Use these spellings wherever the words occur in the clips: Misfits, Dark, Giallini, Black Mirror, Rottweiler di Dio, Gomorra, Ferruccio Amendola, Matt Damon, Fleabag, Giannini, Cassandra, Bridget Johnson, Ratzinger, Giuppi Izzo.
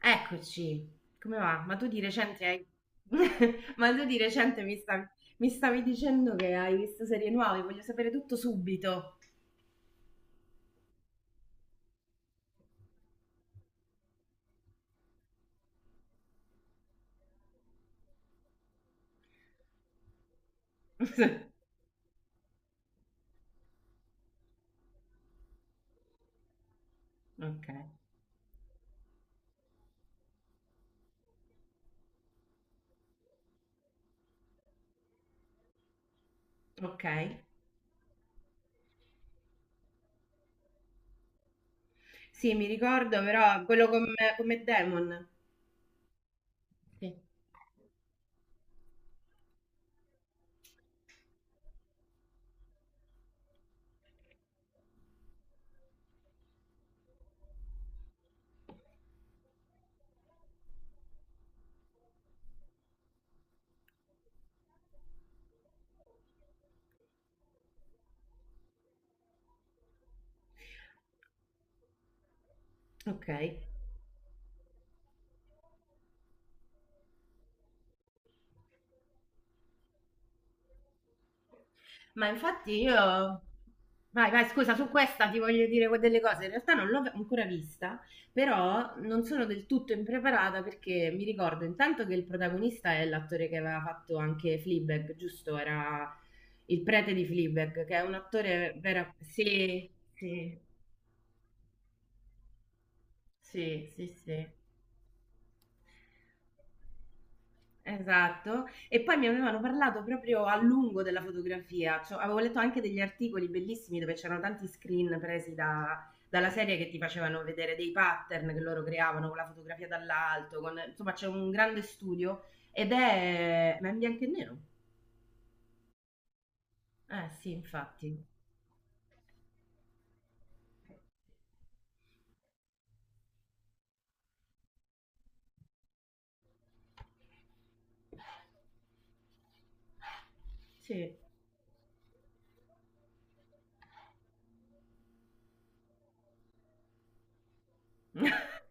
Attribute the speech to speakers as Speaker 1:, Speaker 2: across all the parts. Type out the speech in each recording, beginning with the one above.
Speaker 1: Eccoci, come va? Ma tu di recente hai. Ma tu di recente mi stavi dicendo che hai visto serie nuove, voglio sapere tutto subito. Ok, ok. Sì, mi ricordo però quello con Matt Damon. Sì. Ok. Ma infatti io. Vai, vai, scusa, su questa ti voglio dire delle cose. In realtà non l'ho ancora vista, però non sono del tutto impreparata perché mi ricordo intanto che il protagonista è l'attore che aveva fatto anche Fleabag, giusto? Era il prete di Fleabag, che è un attore vero. Sì, sì, sì, sì, sì. Esatto. E poi mi avevano parlato proprio a lungo della fotografia, cioè, avevo letto anche degli articoli bellissimi dove c'erano tanti screen presi dalla serie che ti facevano vedere dei pattern che loro creavano con la fotografia dall'alto, con- insomma c'è un grande studio ed è, ma è in bianco e nero. Eh sì, infatti. Sì.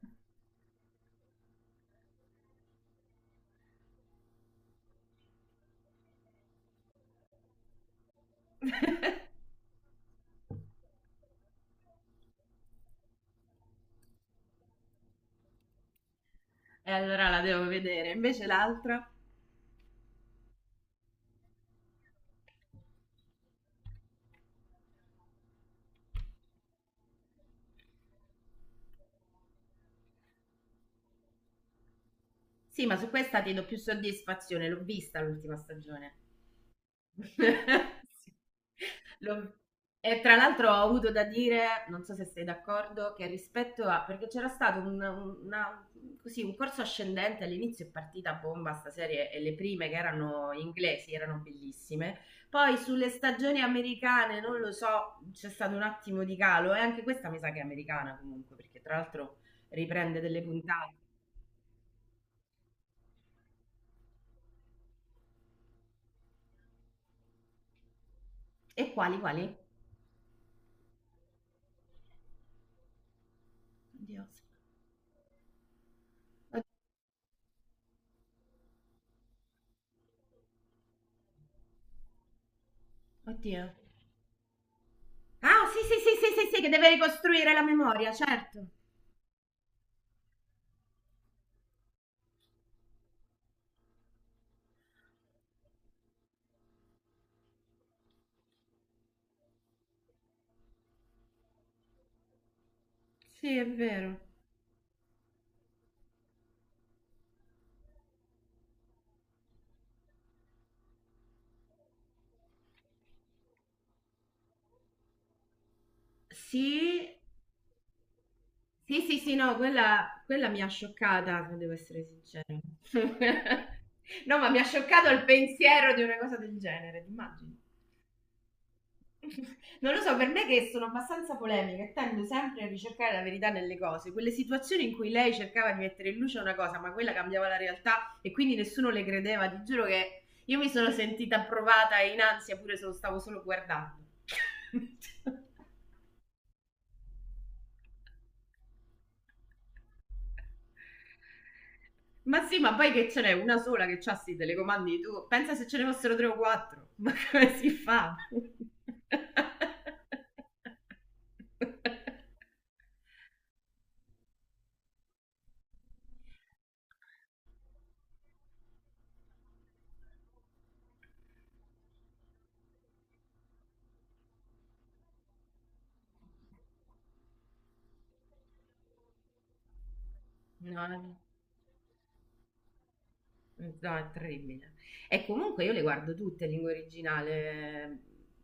Speaker 1: E allora la devo vedere. Invece l'altra? Sì, ma su questa ti do più soddisfazione, l'ho vista l'ultima stagione. Sì. L'ho- E tra l'altro ho avuto da dire, non so se sei d'accordo, che rispetto a. Perché c'era stato un, una- così, un corso ascendente all'inizio è partita a bomba sta serie e le prime che erano inglesi erano bellissime. Poi sulle stagioni americane, non lo so, c'è stato un attimo di calo e anche questa mi sa che è americana comunque, perché tra l'altro riprende delle puntate. E quali, quali? Oddio. Oddio. Ah, sì, sì, sì, sì, sì, sì, che deve ricostruire la memoria, certo. Sì, è vero. Sì. Sì, sì, sì, no, quella mi ha scioccata, devo essere sincera. No, ma mi ha scioccato il pensiero di una cosa del genere, immagini. Non lo so, per me che sono abbastanza polemica e tendo sempre a ricercare la verità nelle cose, quelle situazioni in cui lei cercava di mettere in luce una cosa, ma quella cambiava la realtà e quindi nessuno le credeva, ti giuro che io mi sono sentita provata e in ansia pure se lo stavo solo guardando. Ma sì, ma poi che ce n'è una sola che c'ha sti telecomandi, tu pensa se ce ne fossero tre o quattro, ma come si fa? No, no, no. No, è terribile. E comunque io le guardo tutte in lingua originale.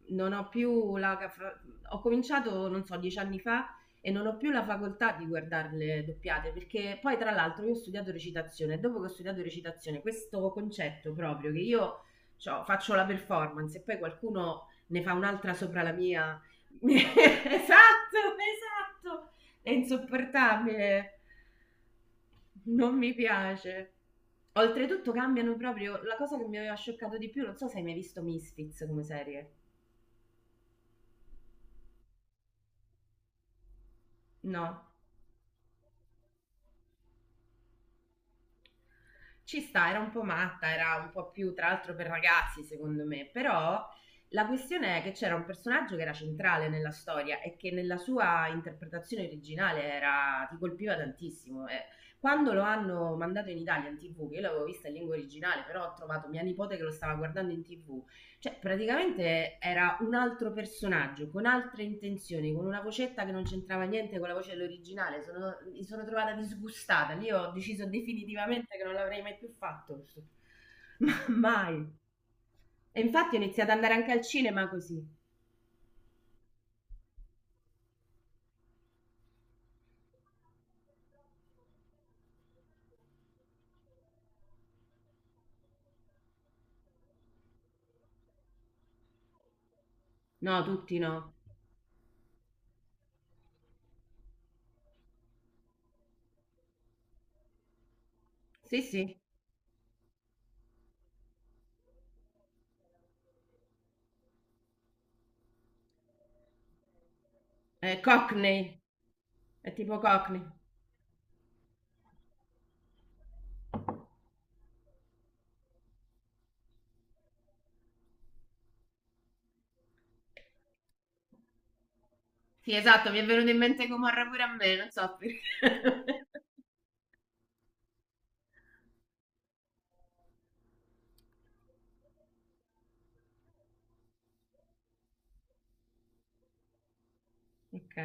Speaker 1: Non ho più la... fa- Ho cominciato, non so, 10 anni fa e non ho più la facoltà di guardarle doppiate perché poi tra l'altro io ho studiato recitazione e dopo che ho studiato recitazione questo concetto proprio che io cioè, faccio la performance e poi qualcuno ne fa un'altra sopra la mia. Esatto, esatto! È insopportabile. Non mi piace. Oltretutto cambiano proprio la cosa che mi aveva scioccato di più, non so se hai mai visto Misfits come serie. No. Ci sta, era un po' matta, era un po' più tra l'altro per ragazzi, secondo me, però la questione è che c'era un personaggio che era centrale nella storia e che nella sua interpretazione originale era ti colpiva tantissimo. E quando lo hanno mandato in Italia in TV, che io l'avevo vista in lingua originale, però ho trovato mia nipote che lo stava guardando in TV. Cioè, praticamente era un altro personaggio, con altre intenzioni, con una vocetta che non c'entrava niente con la voce dell'originale. Mi sono trovata disgustata. Lì ho deciso definitivamente che non l'avrei mai più fatto. Ma mai. E infatti ho iniziato ad andare anche al cinema così. No, tutti no. Sì, sì. È Cockney. È tipo Cockney. Sì, esatto, mi è venuto in mente Gomorra pure a me, non so perché. Ok.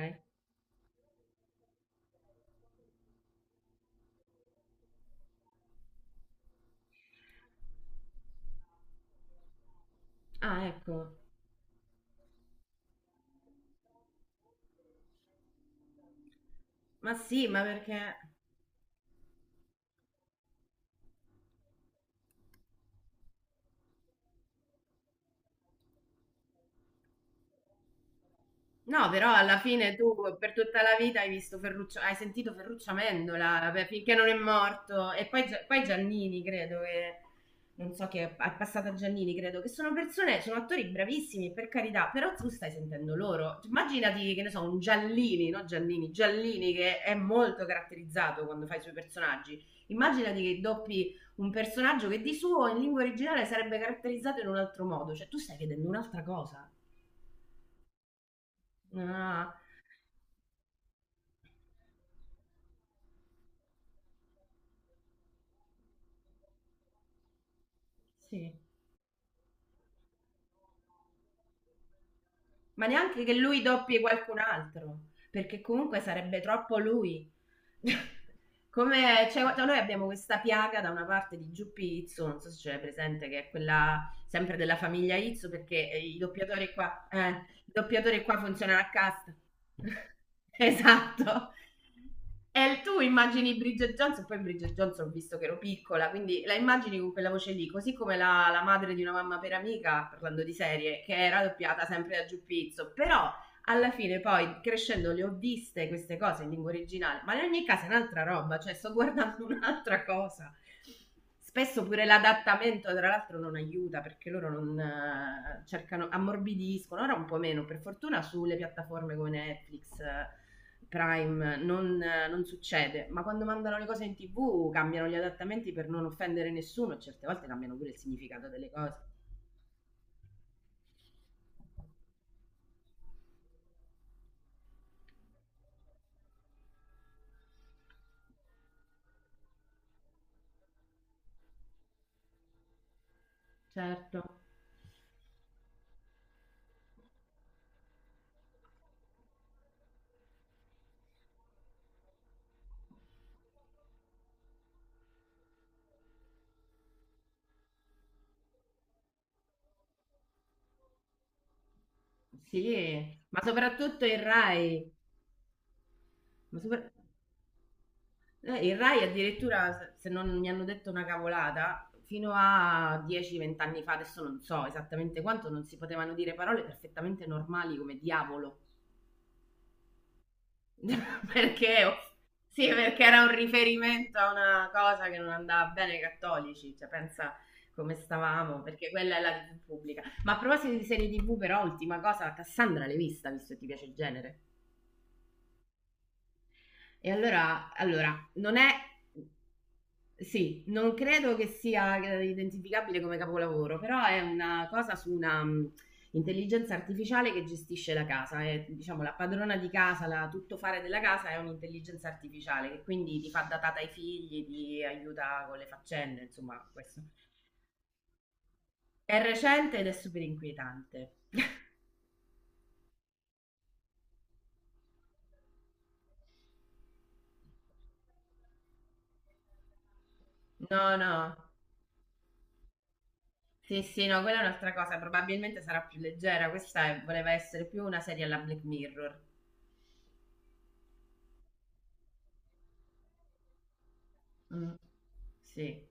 Speaker 1: Ah, ecco. Ma sì, ma perché. No, però alla fine tu per tutta la vita hai visto Ferruccio, hai sentito Ferruccio Amendola beh, finché non è morto e poi Giannini, credo che non so che è passata a Giannini, credo che sono persone, sono attori bravissimi, per carità, però tu stai sentendo loro. Cioè, immaginati che ne so, un Giallini, no Giannini, Giallini che è molto caratterizzato quando fai i suoi personaggi. Immaginati che doppi un personaggio che di suo in lingua originale sarebbe caratterizzato in un altro modo, cioè tu stai vedendo un'altra cosa. Ah, sì. Ma neanche che lui doppi qualcun altro, perché comunque sarebbe troppo lui. Come cioè, noi abbiamo questa piaga da una parte di Giuppi Izzo, non so se ce l'hai presente, che è quella sempre della famiglia Izzo, perché i doppiatori qua, il doppiatore qua funziona a cast. Esatto. E tu immagini Bridget Johnson, poi Bridget Johnson ho visto che ero piccola, quindi la immagini con quella voce lì, così come la, la madre di una mamma per amica, parlando di serie, che era doppiata sempre da Giuppizzo, però alla fine poi crescendo le ho viste queste cose in lingua originale, ma in ogni caso è un'altra roba, cioè sto guardando un'altra cosa. Spesso pure l'adattamento, tra l'altro, non aiuta perché loro non cercano, ammorbidiscono, ora un po' meno, per fortuna sulle piattaforme come Netflix, Prime, non succede, ma quando mandano le cose in tv cambiano gli adattamenti per non offendere nessuno, certe volte cambiano pure il significato delle cose. Certo, sì, ma soprattutto il Rai, ma sopra- il Rai addirittura, se non mi hanno detto una cavolata, fino a 10-20 anni fa, adesso non so esattamente quanto, non si potevano dire parole perfettamente normali come diavolo. Perché, oh, sì, perché era un riferimento a una cosa che non andava bene ai cattolici, cioè pensa come stavamo, perché quella è la TV pubblica. Ma a proposito di serie TV, però, ultima cosa, Cassandra l'hai vista, visto che ti piace il genere. E allora non è. Sì, non credo che sia identificabile come capolavoro, però è una cosa su una intelligenza artificiale che gestisce la casa, è, diciamo la padrona di casa, la tuttofare della casa è un'intelligenza artificiale che quindi ti fa da tata ai figli, ti aiuta con le faccende, insomma, questo. È recente ed è super inquietante. No, no, sì, sì, no, quella è un'altra cosa, probabilmente sarà più leggera, voleva essere più una serie alla Black Mirror. Mm. Sì.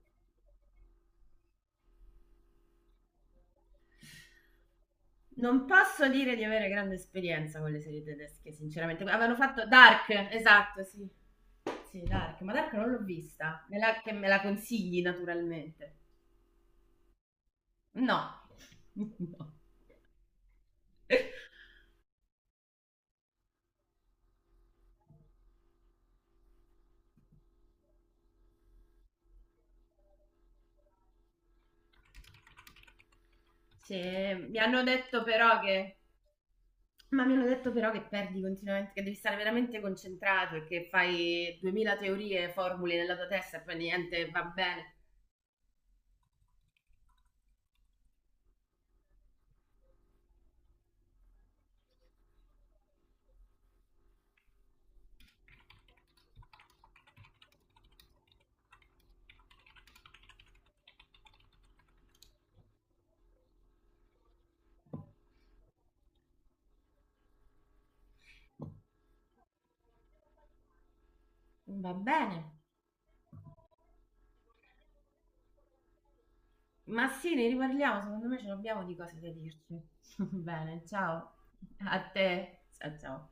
Speaker 1: Non posso dire di avere grande esperienza con le serie tedesche, sinceramente. Avevano fatto Dark, esatto, sì. Sì, Dark, ma Dark non l'ho vista. Me la, che me la consigli, naturalmente. No. No. Sì, mi hanno detto però che. Ma mi hanno detto però che perdi continuamente, che devi stare veramente concentrato e che fai 2000 teorie, formule nella tua testa e poi niente, va bene. Va bene. Ma sì, ne riparliamo, secondo me ce l'abbiamo di cose da dirci. Bene, ciao. A te. Ciao ciao.